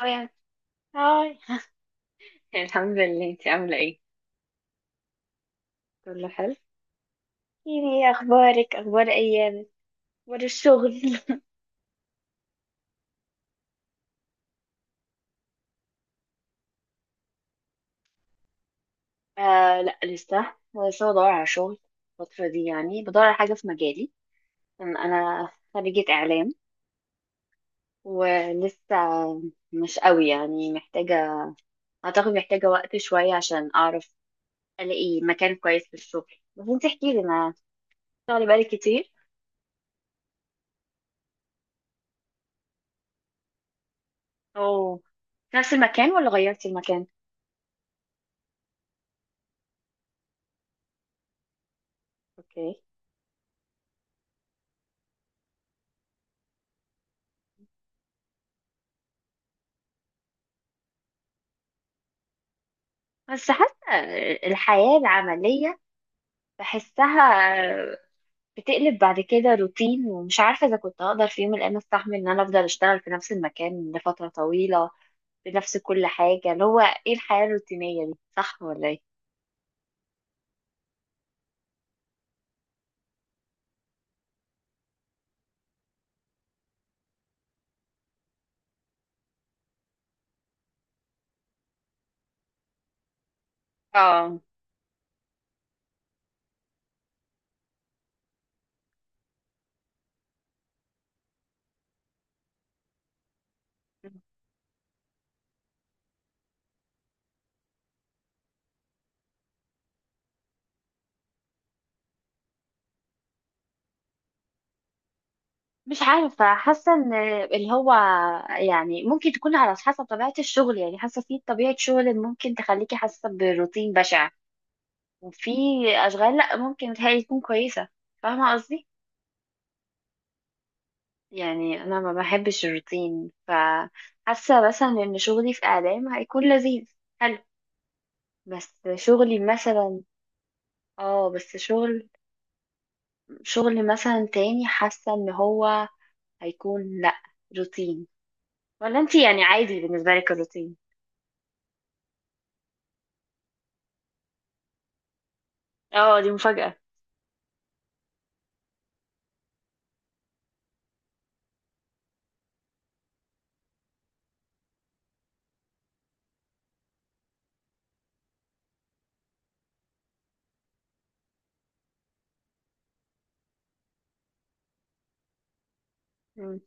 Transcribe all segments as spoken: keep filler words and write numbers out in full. هاي. هاي الحمد لله، انت عامله ايه؟ كله حلو. يعني ايه اخبارك؟ اخبار ايامك، اخبار الشغل. آه لا، لسه. لسه بدور على شغل. الفتره دي يعني بدور على حاجه في مجالي، ان انا خريجه اعلام. ولسه مش قوي يعني محتاجه. اعتقد محتاجه وقت شويه عشان اعرف الاقي مكان كويس في الشغل. بس انت احكي لي، انا شغلي بقالي كتير. او في نفس المكان ولا غيرتي المكان؟ اوكي. بس حاسة الحياة العملية بحسها بتقلب بعد كده روتين، ومش عارفة إذا كنت هقدر في يوم من الأيام أستحمل إن أنا أفضل أشتغل في نفس المكان لفترة طويلة، بنفس كل حاجة. اللي هو إيه الحياة الروتينية دي، صح ولا إيه؟ اه. مش عارفة، حاسة إن اللي هو يعني ممكن تكون على حسب طبيعة الشغل. يعني حاسة في طبيعة شغل ممكن تخليكي حاسة بروتين بشع، وفي أشغال لأ، ممكن تهيألي تكون كويسة. فاهمة قصدي؟ يعني انا ما بحبش الروتين، فحاسه مثلا ان شغلي في اعلام هيكون لذيذ. حلو. بس شغلي مثلا، اه بس شغل. شغل مثلا تاني حاسه ان هو هيكون لا روتين. ولا انتي يعني عادي بالنسبه لك الروتين؟ اه دي مفاجاه. مم.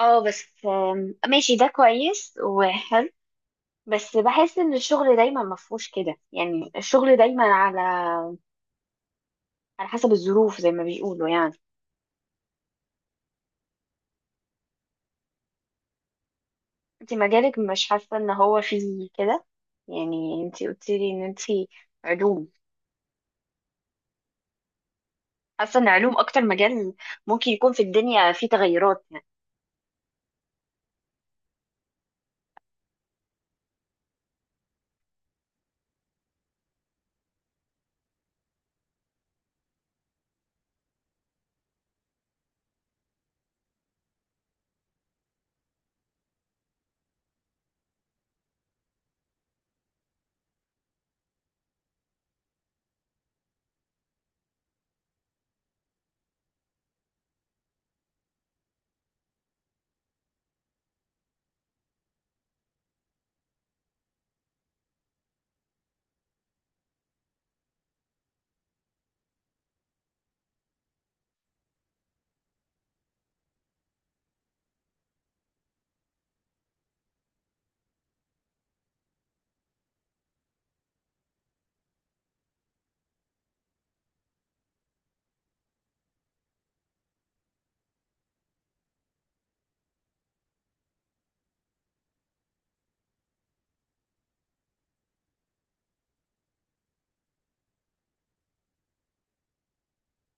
اه بس آم، ماشي، ده كويس وحلو. بس بحس ان الشغل دايما مفهوش كده. يعني الشغل دايما على على حسب الظروف زي ما بيقولوا يعني. انت مجالك مش حاسة ان هو فيه كده؟ يعني انت قلتيلي ان انت علوم. حاسة ان علوم اكتر مجال ممكن يكون في الدنيا فيه تغيرات يعني.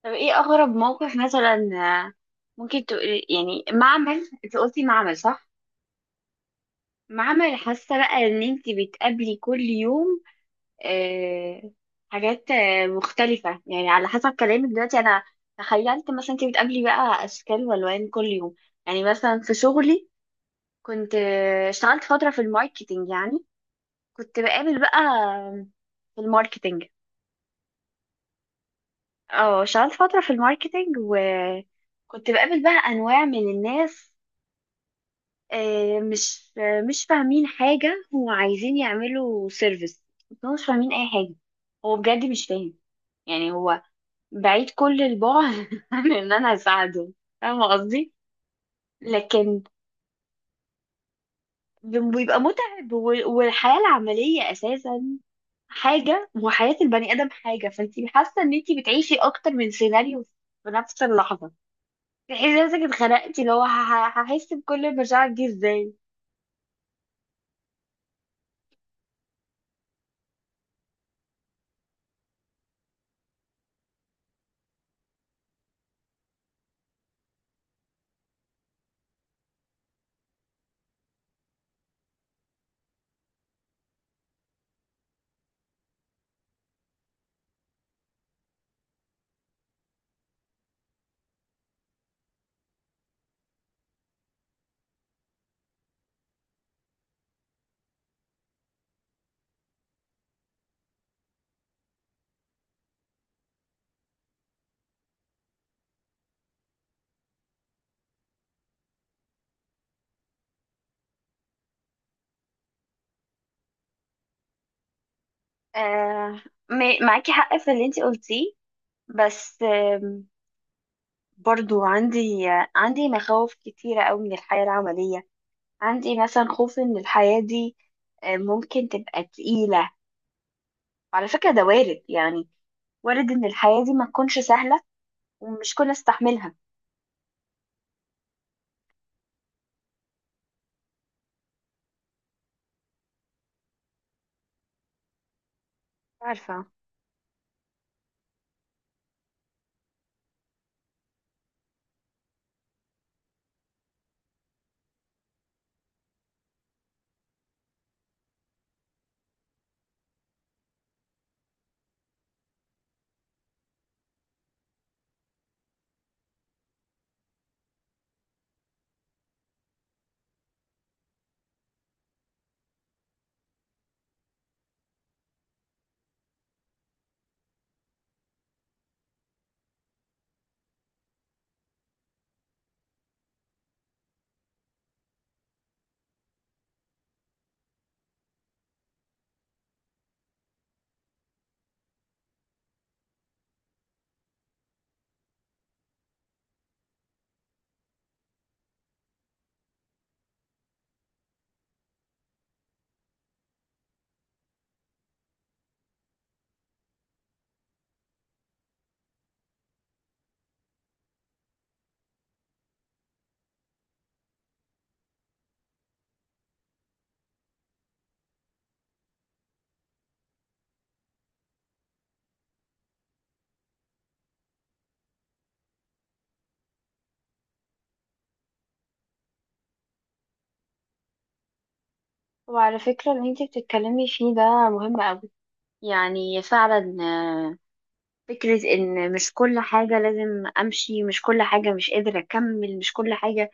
طب ايه اغرب موقف مثلا، آه، ممكن تقولي؟ يعني معمل، انت قلتي معمل صح؟ معمل. حاسة بقى ان انت بتقابلي كل يوم آه، حاجات آه، مختلفة. يعني على حسب كلامك دلوقتي، انا تخيلت مثلا انت بتقابلي بقى اشكال والوان كل يوم. يعني مثلا في شغلي كنت آه، اشتغلت فترة في الماركتينج يعني. كنت بقابل بقى، في الماركتينج. اه اشتغلت فترة في الماركتينج وكنت بقابل بقى أنواع من الناس، آه، مش آه، مش فاهمين حاجة وعايزين يعملوا سيرفيس. بس هو مش فاهمين أي حاجة. هو بجد مش فاهم. يعني هو بعيد كل البعد عن إن أنا أساعده. فاهمة قصدي؟ لكن بيبقى متعب. وال- والحياة العملية أساسا حاجة، وحياة البني آدم حاجة. فانتي حاسة ان انتي بتعيشي اكتر من سيناريو في نفس اللحظة. تحسي نفسك اتخنقتي، اللي هو ه- ه- هحس بكل المشاعر دي ازاي؟ آه. م- معاكي حق في اللي انتي قلتيه، بس آم، برضو عندي، عندي مخاوف كتيرة قوي من الحياة العملية. عندي مثلا خوف ان الحياة دي آه، ممكن تبقى تقيلة. على فكرة ده وارد يعني، وارد ان الحياة دي ما تكونش سهلة ومش كلنا نستحملها. عارفة، وعلى فكرة اللي انتي بتتكلمي فيه ده مهم قوي. يعني فعلا آه، فكرة ان مش كل حاجة لازم امشي، مش كل حاجة مش قادرة اكمل، مش كل حاجة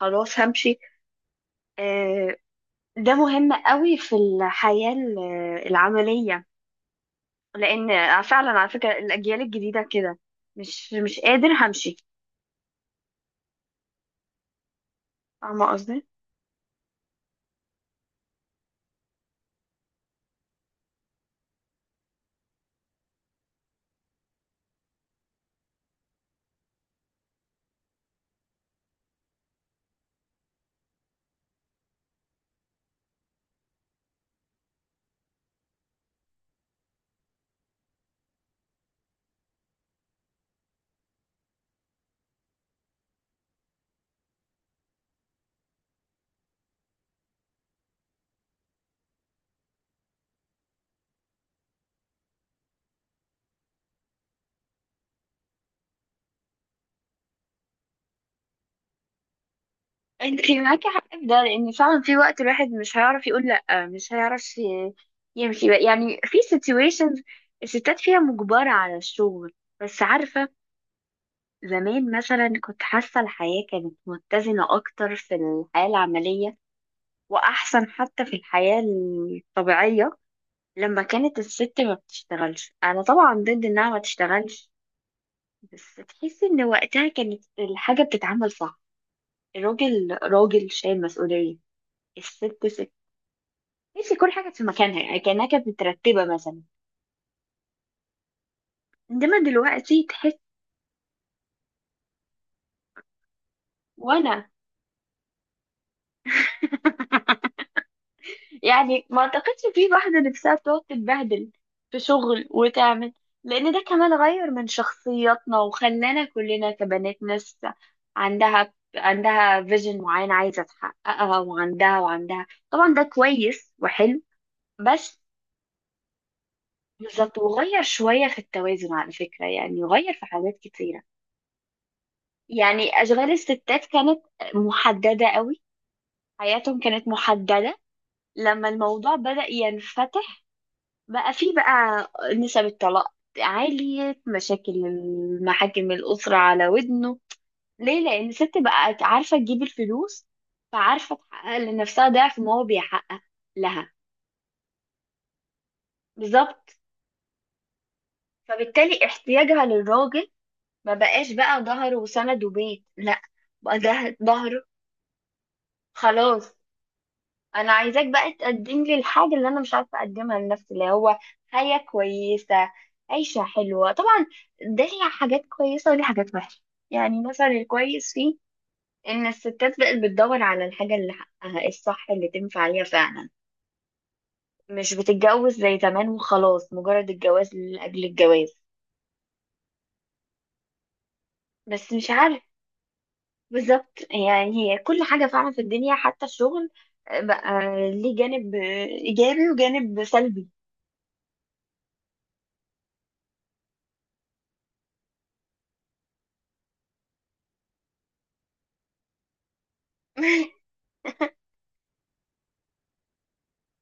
خلاص همشي. آه، ده مهم قوي في الحياة ال- آه، العملية. لان آه، فعلا على فكرة الاجيال الجديدة كده مش مش قادر همشي. فاهمة قصدي. انت معاكي حق في ده، لان فعلا في وقت الواحد مش هيعرف يقول لا، مش هيعرف ي- يمشي بقى. يعني في situations الستات فيها مجبرة على الشغل. بس عارفة، زمان مثلا كنت حاسة الحياة كانت متزنة اكتر في الحياة العملية، واحسن حتى في الحياة الطبيعية، لما كانت الست ما بتشتغلش. انا طبعا ضد انها ما تشتغلش، بس تحسي ان وقتها كانت الحاجة بتتعمل صح. الراجل راجل شايل مسؤولية، الست ست. تحسي كل حاجة في مكانها، يعني كأنها كانت مترتبة مثلا. إنما دلوقتي تحس. وأنا يعني ما أعتقدش في واحدة نفسها بتقعد تتبهدل في شغل وتعمل. لأن ده كمان غير من شخصياتنا وخلانا كلنا كبنات ناس عندها عندها فيجن معين عايزة تحققها، وعندها وعندها. طبعا ده كويس وحلو، بس. بالظبط، وغير شوية في التوازن على فكرة. يعني غير في حاجات كتير. يعني أشغال الستات كانت محددة قوي، حياتهم كانت محددة. لما الموضوع بدأ ينفتح بقى فيه بقى نسب الطلاق عالية، مشاكل المحاكم الأسرة على ودنه. ليه؟ لأن الست بقت عارفة تجيب الفلوس، فعارفة تحقق لنفسها ضعف ما هو بيحقق لها. بالظبط. فبالتالي احتياجها للراجل ما بقاش بقى ظهر وسند وبيت، لا. بقى ده ظهر. خلاص. انا عايزاك بقى تقدم لي الحاجه اللي انا مش عارفه اقدمها لنفسي، اللي هو حياه كويسه، عيشه حلوه. طبعا ده ليها حاجات كويسه وليها حاجات وحشه. يعني مثلا الكويس فيه ان الستات بقت بتدور على الحاجه اللي حقها الصح، اللي تنفع عليها فعلا، مش بتتجوز زي زمان وخلاص مجرد الجواز لاجل الجواز. بس مش عارف. بالظبط. يعني هي كل حاجه فعلا في الدنيا حتى الشغل بقى ليه جانب ايجابي وجانب سلبي.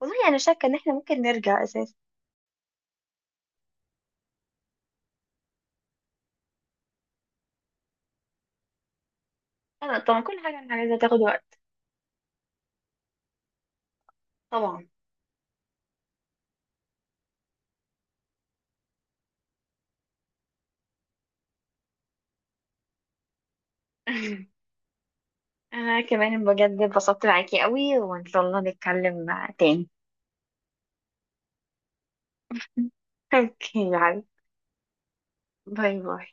والله انا يعني شاكه ان احنا ممكن نرجع اساسا. انا طبعا كل حاجه انا عايزه تاخد وقت. طبعا. انا كمان بجد اتبسطت معاكي قوي، وان شاء الله نتكلم تاني. اوكي يلا، باي باي.